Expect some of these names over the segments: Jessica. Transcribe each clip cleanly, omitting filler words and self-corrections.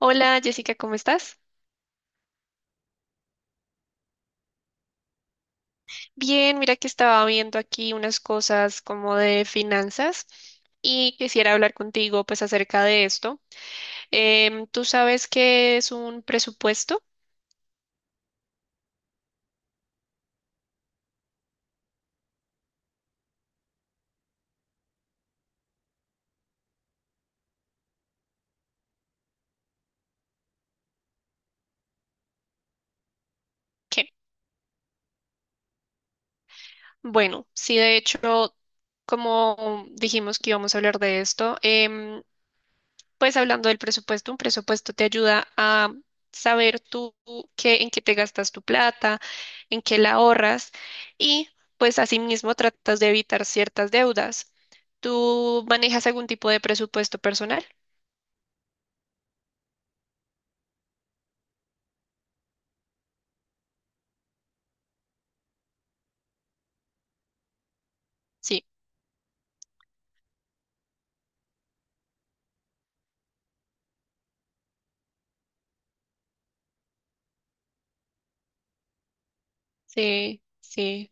Hola Jessica, ¿cómo estás? Bien, mira que estaba viendo aquí unas cosas como de finanzas y quisiera hablar contigo pues acerca de esto. ¿Tú sabes qué es un presupuesto? ¿Qué? Bueno, sí, de hecho, como dijimos que íbamos a hablar de esto, pues hablando del presupuesto, un presupuesto te ayuda a saber tú qué, en qué te gastas tu plata, en qué la ahorras y pues asimismo tratas de evitar ciertas deudas. ¿Tú manejas algún tipo de presupuesto personal? Sí, sí, sí,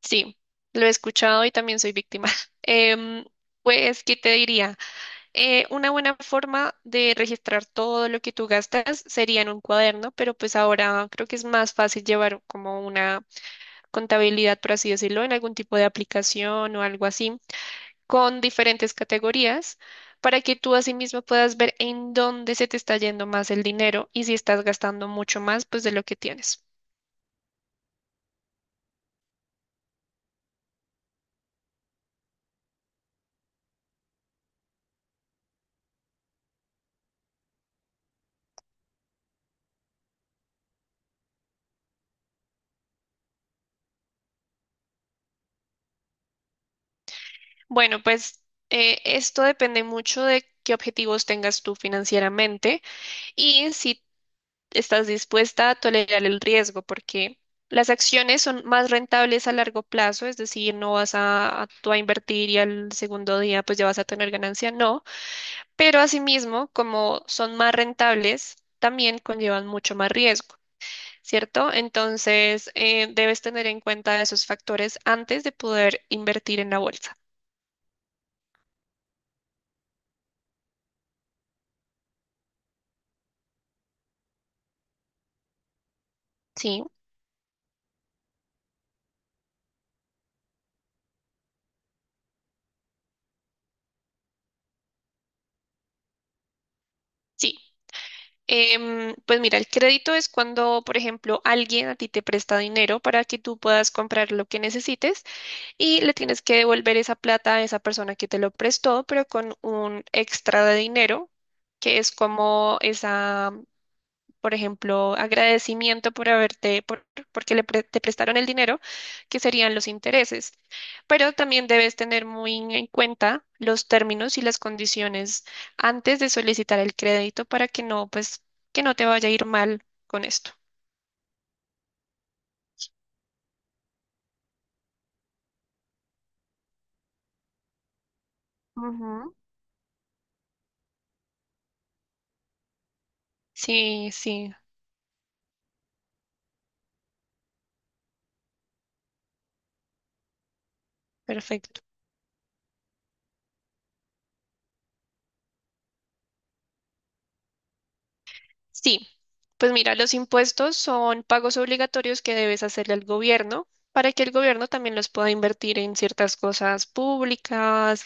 sí. Lo he escuchado y también soy víctima. Em, pues, ¿qué te diría? Una buena forma de registrar todo lo que tú gastas sería en un cuaderno, pero pues ahora creo que es más fácil llevar como una contabilidad, por así decirlo, en algún tipo de aplicación o algo así, con diferentes categorías, para que tú asimismo puedas ver en dónde se te está yendo más el dinero y si estás gastando mucho más, pues de lo que tienes. Bueno, pues esto depende mucho de qué objetivos tengas tú financieramente y si estás dispuesta a tolerar el riesgo, porque las acciones son más rentables a largo plazo, es decir, no vas tú a invertir y al segundo día pues ya vas a tener ganancia, no, pero asimismo, como son más rentables, también conllevan mucho más riesgo, ¿cierto? Entonces, debes tener en cuenta esos factores antes de poder invertir en la bolsa. Sí, sí. Pues mira, el crédito es cuando, por ejemplo, alguien a ti te presta dinero para que tú puedas comprar lo que necesites y le tienes que devolver esa plata a esa persona que te lo prestó, pero con un extra de dinero, que es como esa, por ejemplo, agradecimiento por haberte, porque te prestaron el dinero, que serían los intereses. Pero también debes tener muy en cuenta los términos y las condiciones antes de solicitar el crédito para que no, pues, que no te vaya a ir mal con esto. Ujú. Sí, sí, perfecto. Sí, pues mira, los impuestos son pagos obligatorios que debes hacerle al gobierno para que el gobierno también los pueda invertir en ciertas cosas públicas,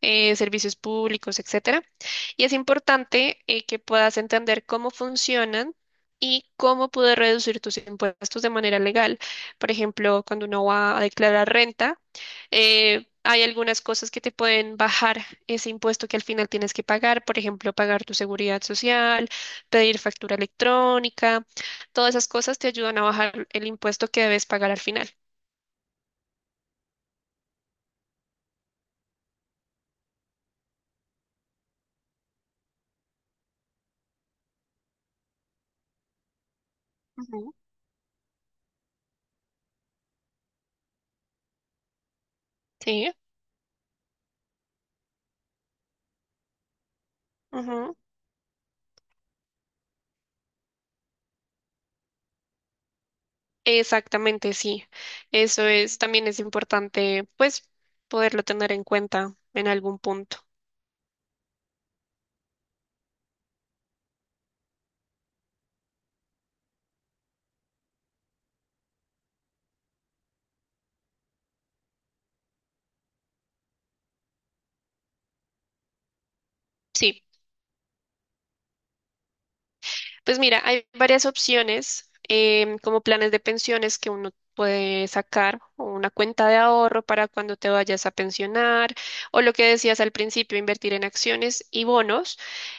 servicios públicos, etcétera. Y es importante, que puedas entender cómo funcionan y cómo poder reducir tus impuestos de manera legal. Por ejemplo, cuando uno va a declarar renta, hay algunas cosas que te pueden bajar ese impuesto que al final tienes que pagar, por ejemplo, pagar tu seguridad social, pedir factura electrónica, todas esas cosas te ayudan a bajar el impuesto que debes pagar al final. Ujú. Sí. Exactamente, sí. Eso es, también es importante, pues, poderlo tener en cuenta en algún punto. Sí. Pues mira, hay varias opciones, como planes de pensiones que uno puede sacar, o una cuenta de ahorro para cuando te vayas a pensionar, o lo que decías al principio, invertir en acciones y bonos.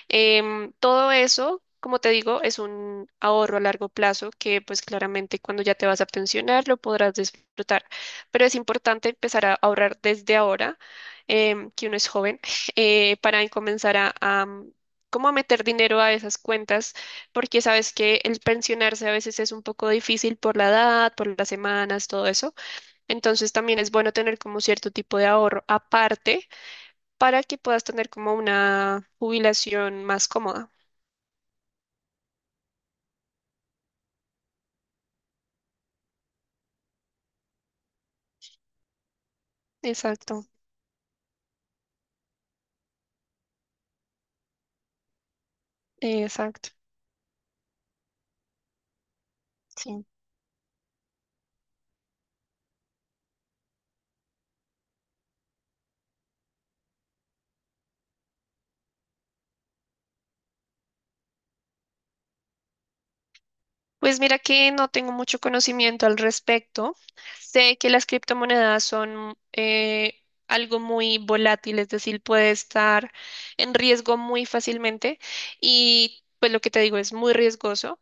Todo eso, como te digo, es un ahorro a largo plazo que pues claramente cuando ya te vas a pensionar lo podrás disfrutar. Pero es importante empezar a ahorrar desde ahora, que uno es joven, para comenzar a, como a meter dinero a esas cuentas porque sabes que el pensionarse a veces es un poco difícil por la edad, por las semanas, todo eso. Entonces también es bueno tener como cierto tipo de ahorro aparte para que puedas tener como una jubilación más cómoda. Exacto, exacto. Sí. Pues mira que no tengo mucho conocimiento al respecto. Sé que las criptomonedas son, algo muy volátil, es decir, puede estar en riesgo muy fácilmente y pues lo que te digo es muy riesgoso,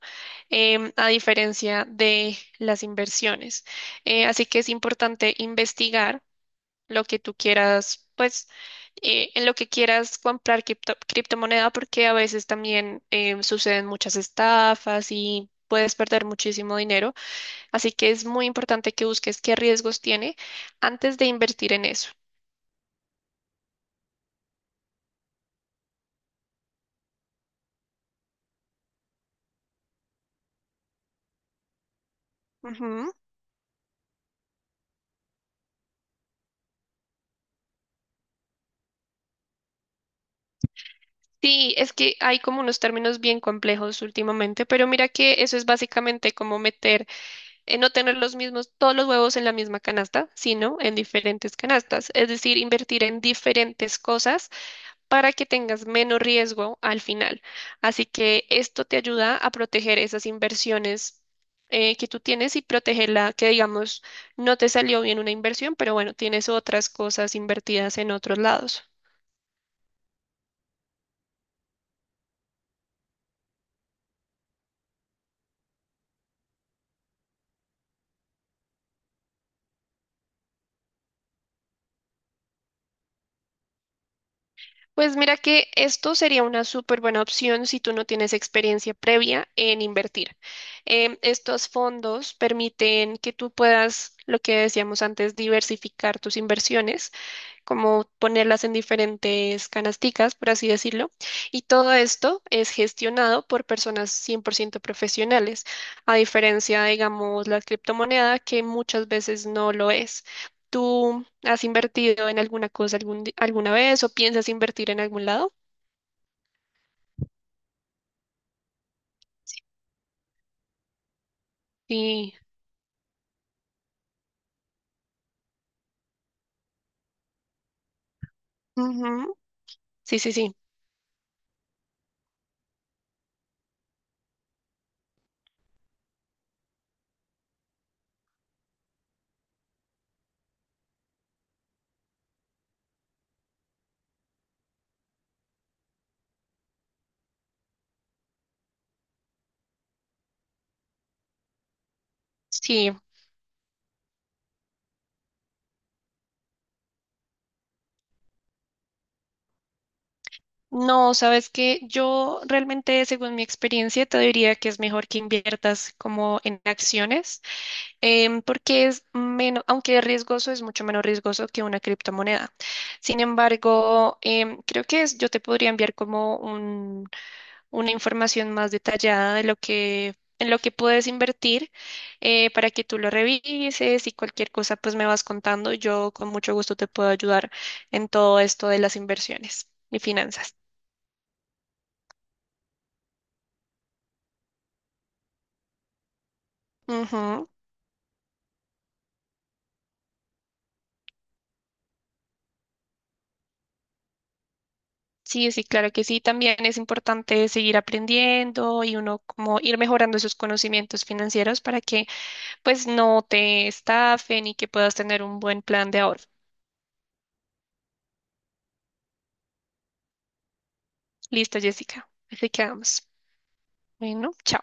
a diferencia de las inversiones. Así que es importante investigar lo que tú quieras, pues en lo que quieras comprar criptomoneda, porque a veces también suceden muchas estafas y puedes perder muchísimo dinero. Así que es muy importante que busques qué riesgos tiene antes de invertir en eso. Ujú. Sí, es que hay como unos términos bien complejos últimamente, pero mira que eso es básicamente como meter, no tener los mismos, todos los huevos en la misma canasta, sino en diferentes canastas, es decir, invertir en diferentes cosas para que tengas menos riesgo al final. Así que esto te ayuda a proteger esas inversiones, que tú tienes y protegerla, que digamos, no te salió bien una inversión, pero bueno, tienes otras cosas invertidas en otros lados. Pues mira que esto sería una súper buena opción si tú no tienes experiencia previa en invertir. Estos fondos permiten que tú puedas, lo que decíamos antes, diversificar tus inversiones como ponerlas en diferentes canasticas, por así decirlo. Y todo esto es gestionado por personas 100% profesionales, a diferencia, digamos, la criptomoneda, que muchas veces no lo es. ¿Tú has invertido en alguna cosa alguna vez o piensas invertir en algún lado? Sí. Ujú. Sí, sí, sí. Sí. No, sabes que yo realmente, según mi experiencia, te diría que es mejor que inviertas como en acciones, porque es menos, aunque es riesgoso, es mucho menos riesgoso que una criptomoneda. Sin embargo, creo que es, yo te podría enviar como una información más detallada de lo que, en lo que puedes invertir, para que tú lo revises y cualquier cosa, pues me vas contando. Yo con mucho gusto te puedo ayudar en todo esto de las inversiones y finanzas. Ujú. Sí, sí, claro que sí. También es importante seguir aprendiendo y uno como ir mejorando esos conocimientos financieros para que pues no te estafen y que puedas tener un buen plan de ahorro. Listo, Jessica. Así quedamos. Bueno, chao.